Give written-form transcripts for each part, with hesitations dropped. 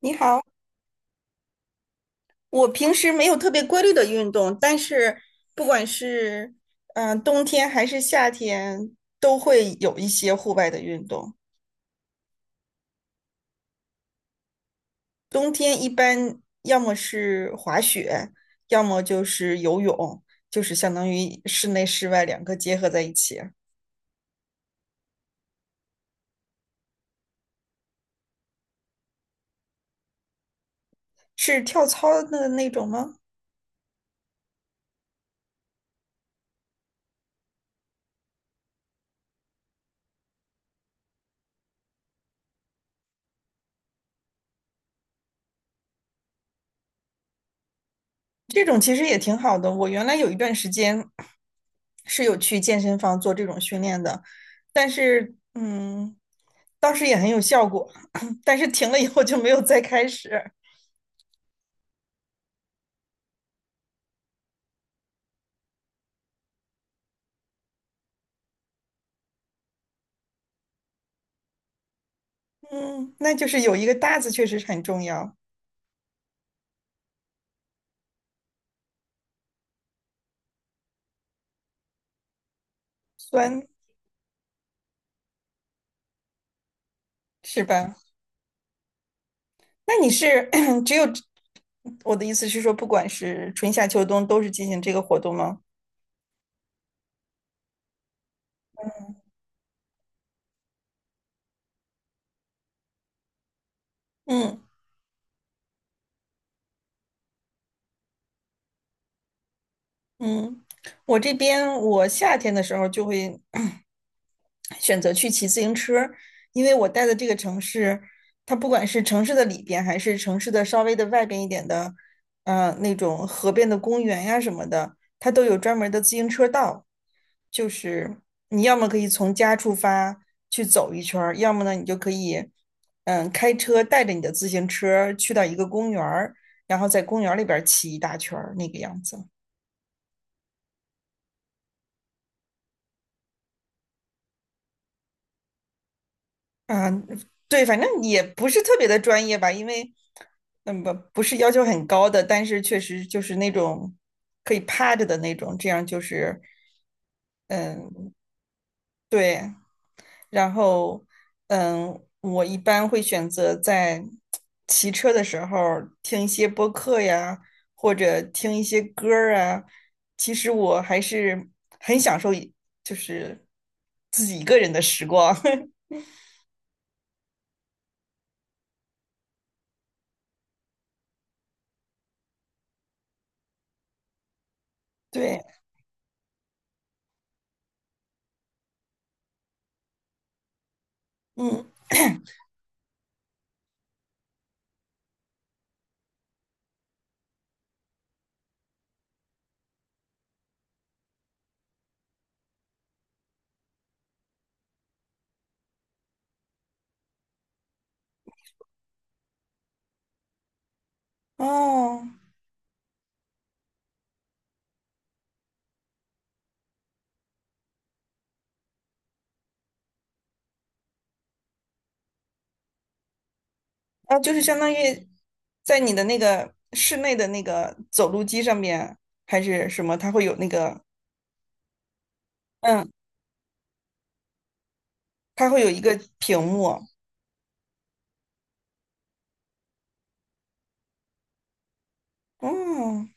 你好，我平时没有特别规律的运动，但是不管是冬天还是夏天，都会有一些户外的运动。冬天一般要么是滑雪，要么就是游泳，就是相当于室内室外两个结合在一起。是跳操的那种吗？这种其实也挺好的。我原来有一段时间是有去健身房做这种训练的，但是当时也很有效果，但是停了以后就没有再开始。嗯，那就是有一个搭子确实是很重要，酸是吧？那你是 只有我的意思是说，不管是春夏秋冬都是进行这个活动吗？嗯。嗯，我这边我夏天的时候就会 选择去骑自行车，因为我待的这个城市，它不管是城市的里边，还是城市的稍微的外边一点的，那种河边的公园呀什么的，它都有专门的自行车道。就是你要么可以从家出发去走一圈儿，要么呢你就可以，开车带着你的自行车去到一个公园儿，然后在公园儿里边儿骑一大圈儿那个样子。啊，对，反正也不是特别的专业吧，因为，不是要求很高的，但是确实就是那种可以趴着的那种，这样就是，嗯，对，然后，我一般会选择在骑车的时候儿听一些播客呀，或者听一些歌儿啊。其实我还是很享受一就是自己一个人的时光。对，嗯，哦。啊，就是相当于在你的那个室内的那个走路机上面，还是什么？它会有那个，嗯，它会有一个屏幕。嗯，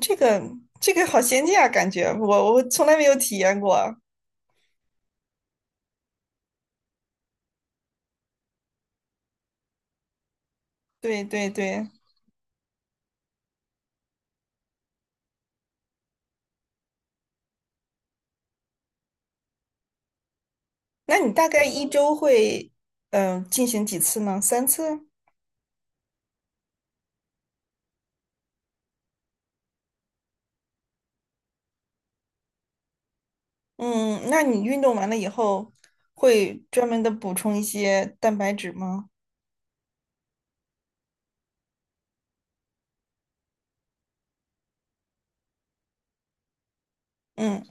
这个这个好先进啊，感觉我从来没有体验过。对对对，那你大概一周会进行几次呢？三次？嗯，那你运动完了以后会专门的补充一些蛋白质吗？嗯。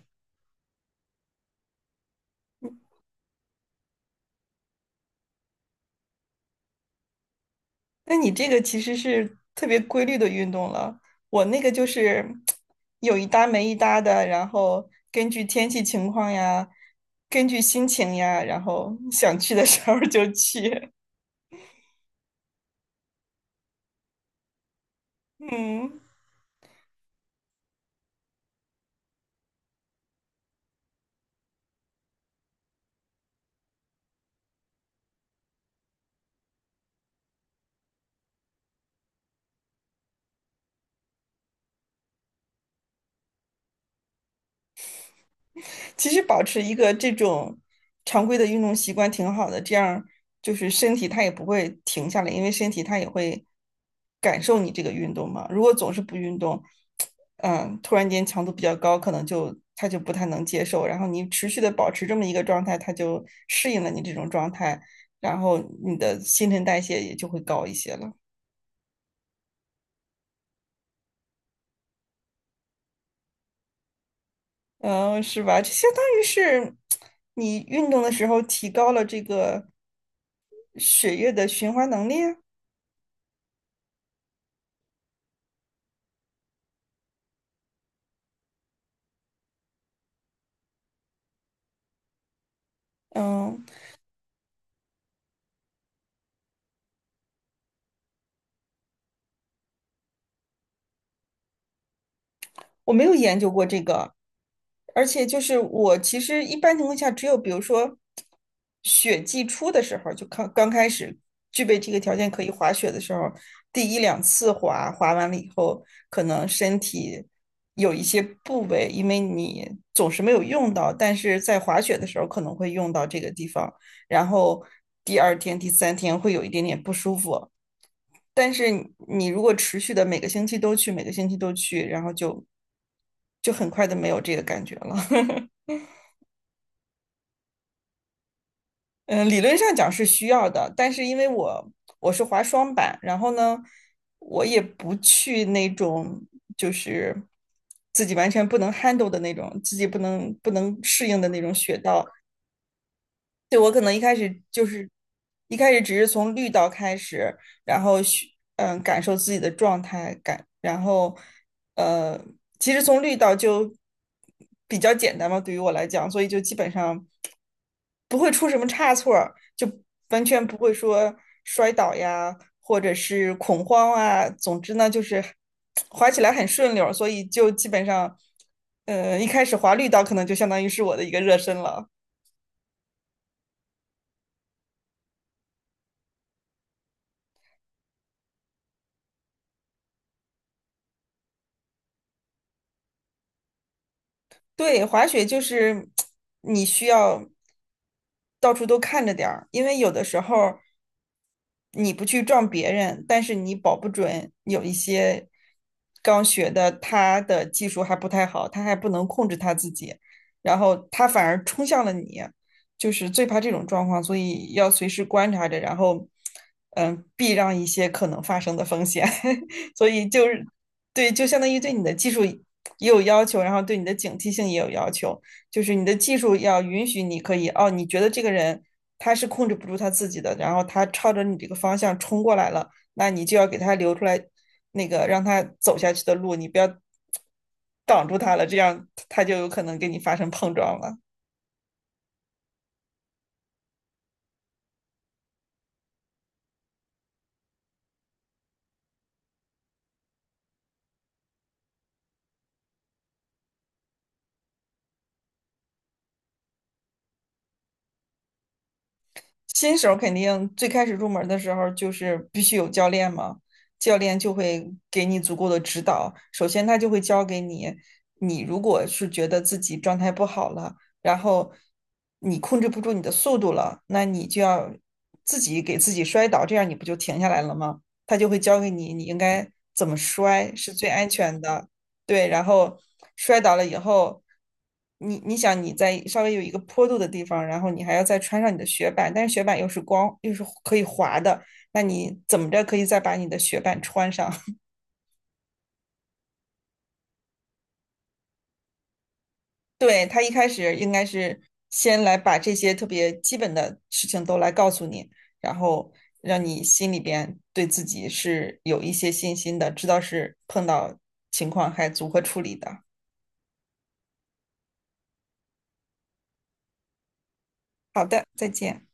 那你这个其实是特别规律的运动了，我那个就是有一搭没一搭的，然后根据天气情况呀，根据心情呀，然后想去的时候就去。嗯，其实保持一个这种常规的运动习惯挺好的，这样就是身体它也不会停下来，因为身体它也会感受你这个运动嘛。如果总是不运动，突然间强度比较高，可能就它就不太能接受。然后你持续的保持这么一个状态，它就适应了你这种状态，然后你的新陈代谢也就会高一些了。嗯，是吧？就相当于是你运动的时候提高了这个血液的循环能力啊。嗯，我没有研究过这个，而且就是我其实一般情况下，只有比如说雪季初的时候，就刚刚开始具备这个条件可以滑雪的时候，第一两次滑，滑完了以后，可能身体有一些部位，因为你总是没有用到，但是在滑雪的时候可能会用到这个地方，然后第二天、第三天会有一点点不舒服。但是你如果持续的每个星期都去，每个星期都去，然后很快的没有这个感觉了。嗯，理论上讲是需要的，但是因为我是滑双板，然后呢，我也不去那种就是自己完全不能 handle 的那种，自己不能适应的那种雪道，对，我可能一开始就是一开始只是从绿道开始，然后去嗯感受自己的状态感，然后呃，其实从绿道就比较简单嘛，对于我来讲，所以就基本上不会出什么差错儿，就完全不会说摔倒呀，或者是恐慌啊，总之呢就是滑起来很顺溜儿，所以就基本上一开始滑绿道可能就相当于是我的一个热身了。对，滑雪就是你需要到处都看着点儿，因为有的时候。你不去撞别人，但是你保不准有一些刚学的，他的技术还不太好，他还不能控制他自己，然后他反而冲向了你，就是最怕这种状况，所以要随时观察着，然后避让一些可能发生的风险，所以就是对，就相当于对你的技术也有要求，然后对你的警惕性也有要求。就是你的技术要允许你可以哦，你觉得这个人他是控制不住他自己的，然后他朝着你这个方向冲过来了，那你就要给他留出来那个让他走下去的路，你不要挡住他了，这样他就有可能跟你发生碰撞了。新手肯定最开始入门的时候就是必须有教练嘛，教练就会给你足够的指导。首先，他就会教给你，你如果是觉得自己状态不好了，然后你控制不住你的速度了，那你就要自己给自己摔倒，这样你不就停下来了吗？他就会教给你，你应该怎么摔是最安全的。对，然后摔倒了以后，你你想你在稍微有一个坡度的地方，然后你还要再穿上你的雪板，但是雪板又是光又是可以滑的，那你怎么着可以再把你的雪板穿上？对，他一开始应该是先来把这些特别基本的事情都来告诉你，然后让你心里边对自己是有一些信心的，知道是碰到情况还如何处理的。好的，再见。